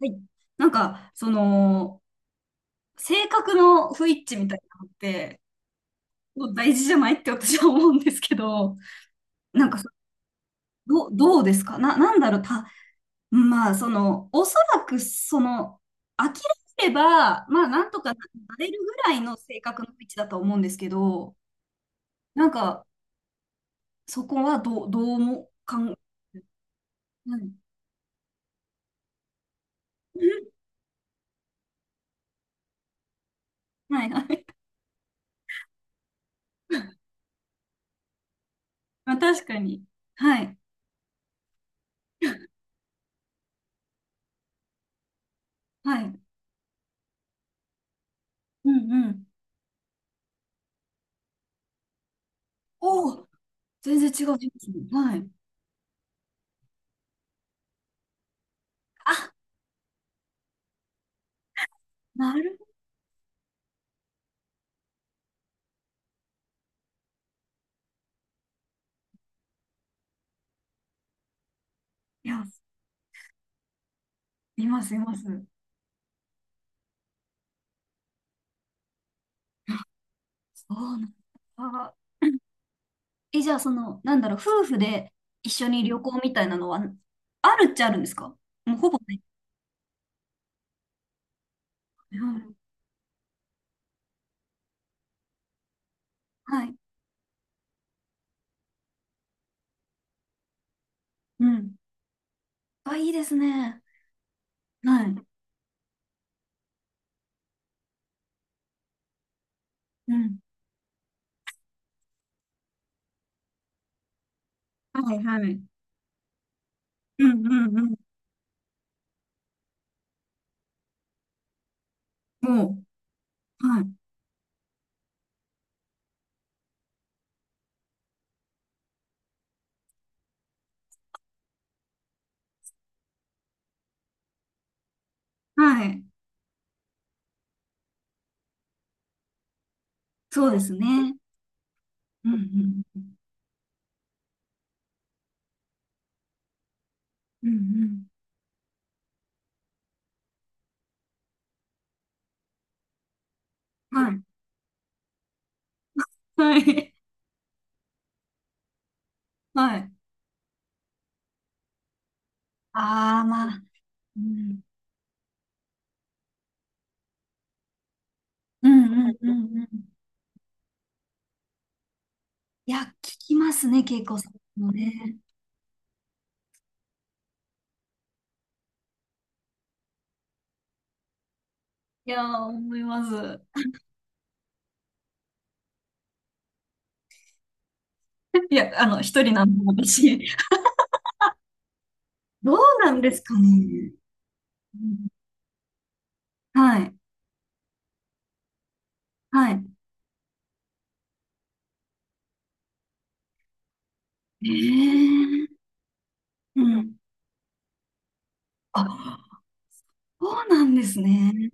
はい。なんか、その、性格の不一致みたいなのって、もう大事じゃないって私は思うんですけど、なんかそ、どう、どうですかな、なんだろう、まあ、おそらく、諦めれば、まあ、なんとかなれるぐらいの性格の不一致だと思うんですけど、なんか、そこはどうも。うん、はい、はい。まあ、確かに。はい、はい。うん、うん。おお、全然違う人物。はい。なる、いや、います、います。あそうなんあ、え、じゃあ、その、なんだろう、夫婦で一緒に旅行みたいなのは、あるっちゃあるんですか？もうほぼない。うん、はい。うん。あ、いいですね。はい。うん。はい、はい。うん、うん、うん。もう、はい。はい。そうですね。うん、うん。うん、うん。はい。はい。はい。ああ、まあ。うん、うん、うん、うん。うん。いや、聞きますね、恵子さんもね。いやー、思います。いや、あの、一人なんで、私。どうなんですかね。うん、はい。はい。ええ、うん。あ、そうなんですね。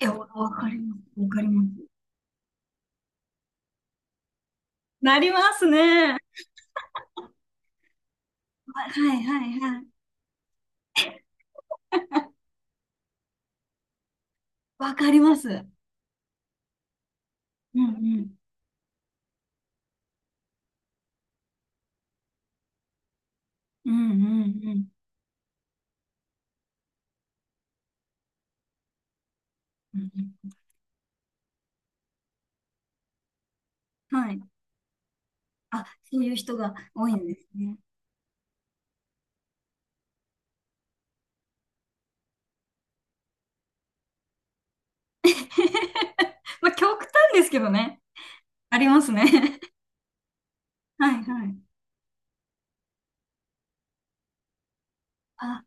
いや、わかります。わかります。なりますね。はいはいはい。わかります。うんうん。うんうんうん。うん、はい。あ、そういう人が多いんですね。まあ、極端ですけどね。ありますね。はいはい。あ、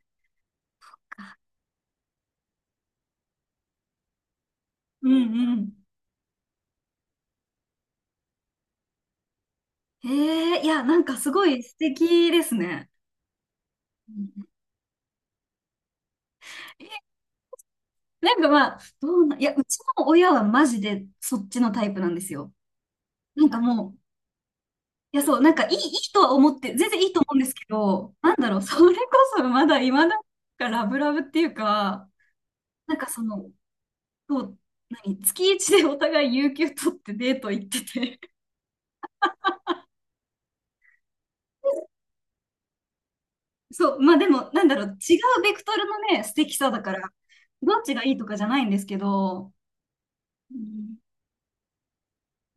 うんうん。ええ、いや、なんかすごい素敵ですね。うん。なんかまあ、どうな、いや、うちの親はマジでそっちのタイプなんですよ。なんかもう、いや、そう、なんかいいとは思って、全然いいと思うんですけど、なんだろう、それこそまだ今なんかラブラブっていうか、なんかその、そう、月一でお互い有給取ってデート行ってて、そう、まあでも、なんだろう、違うベクトルのね、素敵さだから、どっちがいいとかじゃないんですけど、うん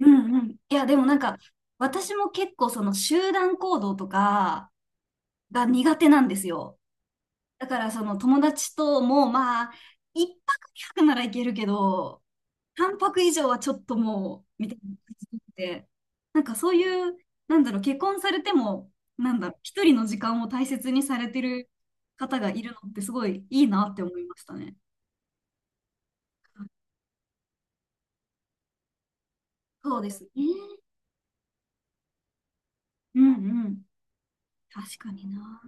うんうん。いや、でもなんか、私も結構その集団行動とかが苦手なんですよ。だからその友達ともまあ、一泊二泊ならいけるけど、三泊以上はちょっともう、みたいな感じで、なんかそういう、なんだろう、結婚されても、なんだろう、一人の時間を大切にされてる方がいるのってすごいいいなって思いましたね。そうですね。うんうん。確かにな。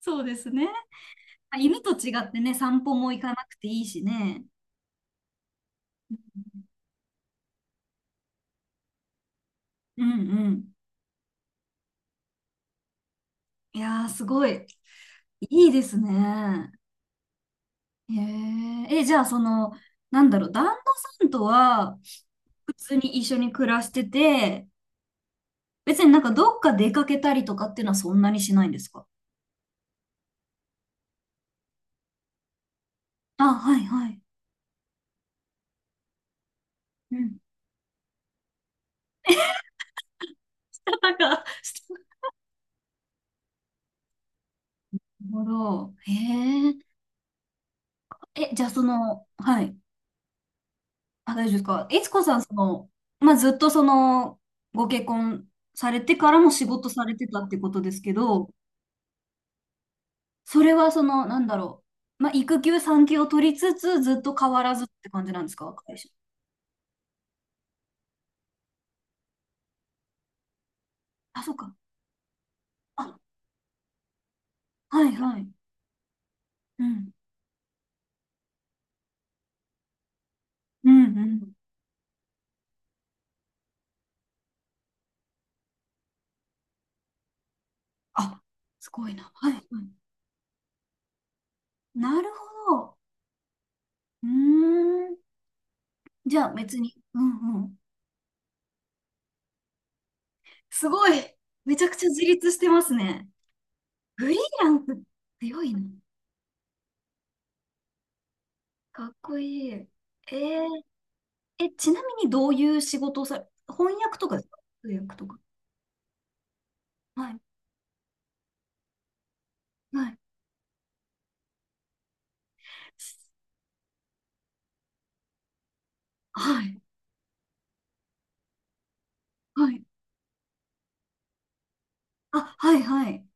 そうですね。犬と違ってね、散歩も行かなくていいしね。うんうん。いやー、すごい。いいですね。へえ。え、じゃあ、その、なんだろう、旦那さんとは、普通に一緒に暮らしてて、別になんかどっか出かけたりとかっていうのはそんなにしないんですか？あ、はいはい。うん。なんか、なるほど。へえ。え、じゃあその、はい。あ、大丈夫ですか。いつこさん、その、まあ、ずっとその、ご結婚されてからも仕事されてたってことですけど、それはその、なんだろう。まあ、育休、産休を取りつつ、ずっと変わらずって感じなんですか、会社。あ、そうか。あ、はいはい。うん。うん、うん。あ、すごいな。はい、はい。なるほど。うーん。じゃあ、別に。うんうん。すごい。めちゃくちゃ自立してますね。フリーランス強いな。かっこいい。ー、え、ちなみにどういう仕事をさ、翻訳とかですか、通訳とか？はい、はい、はい、はい。あ、はい、はい、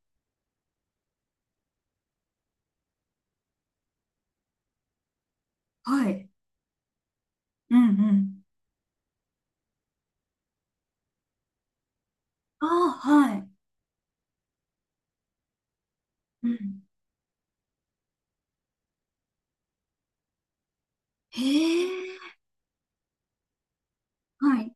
はい。うんうん。ああ、はい。うん。へえ、はい。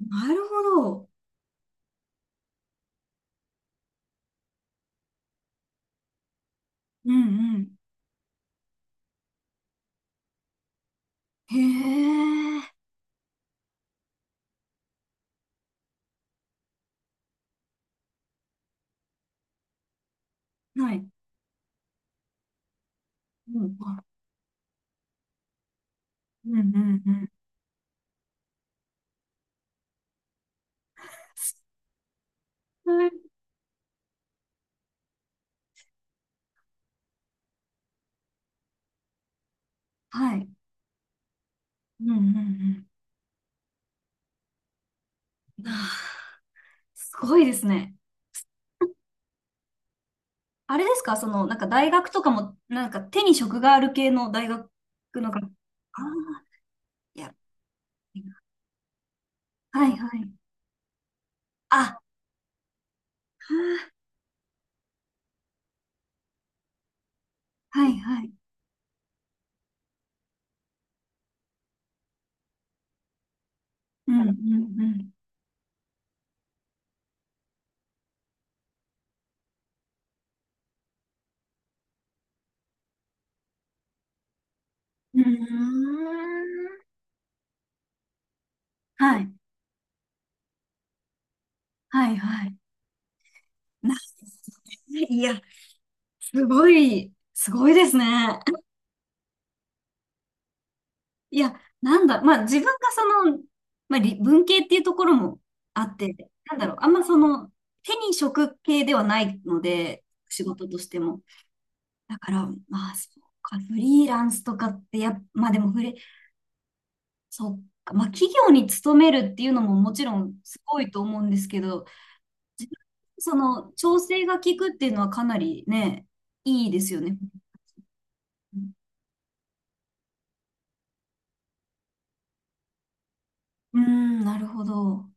なるほど。うんうん。へえ、はい。うん、あ、うんうんうん。はい。はい。うんうんうん。あー、すごいですね。あれですかその、なんか大学とかも、なんか手に職がある系の大学の学、ああ、いや、はいはい。あ、はいはい。うんうんうん。うーん。はいはいはい。な、いや、すごい、すごいですね。いや、なんだ、まあ自分がその、まあ理文系っていうところもあって、なんだろう、あんまその、手に職系ではないので、仕事としても。だから、まあ、そうか、フリーランスとかってまあでもそうか、まあ企業に勤めるっていうのももちろんすごいと思うんですけど、自分その調整が効くっていうのはかなりね、いいですよね。うん、なるほど。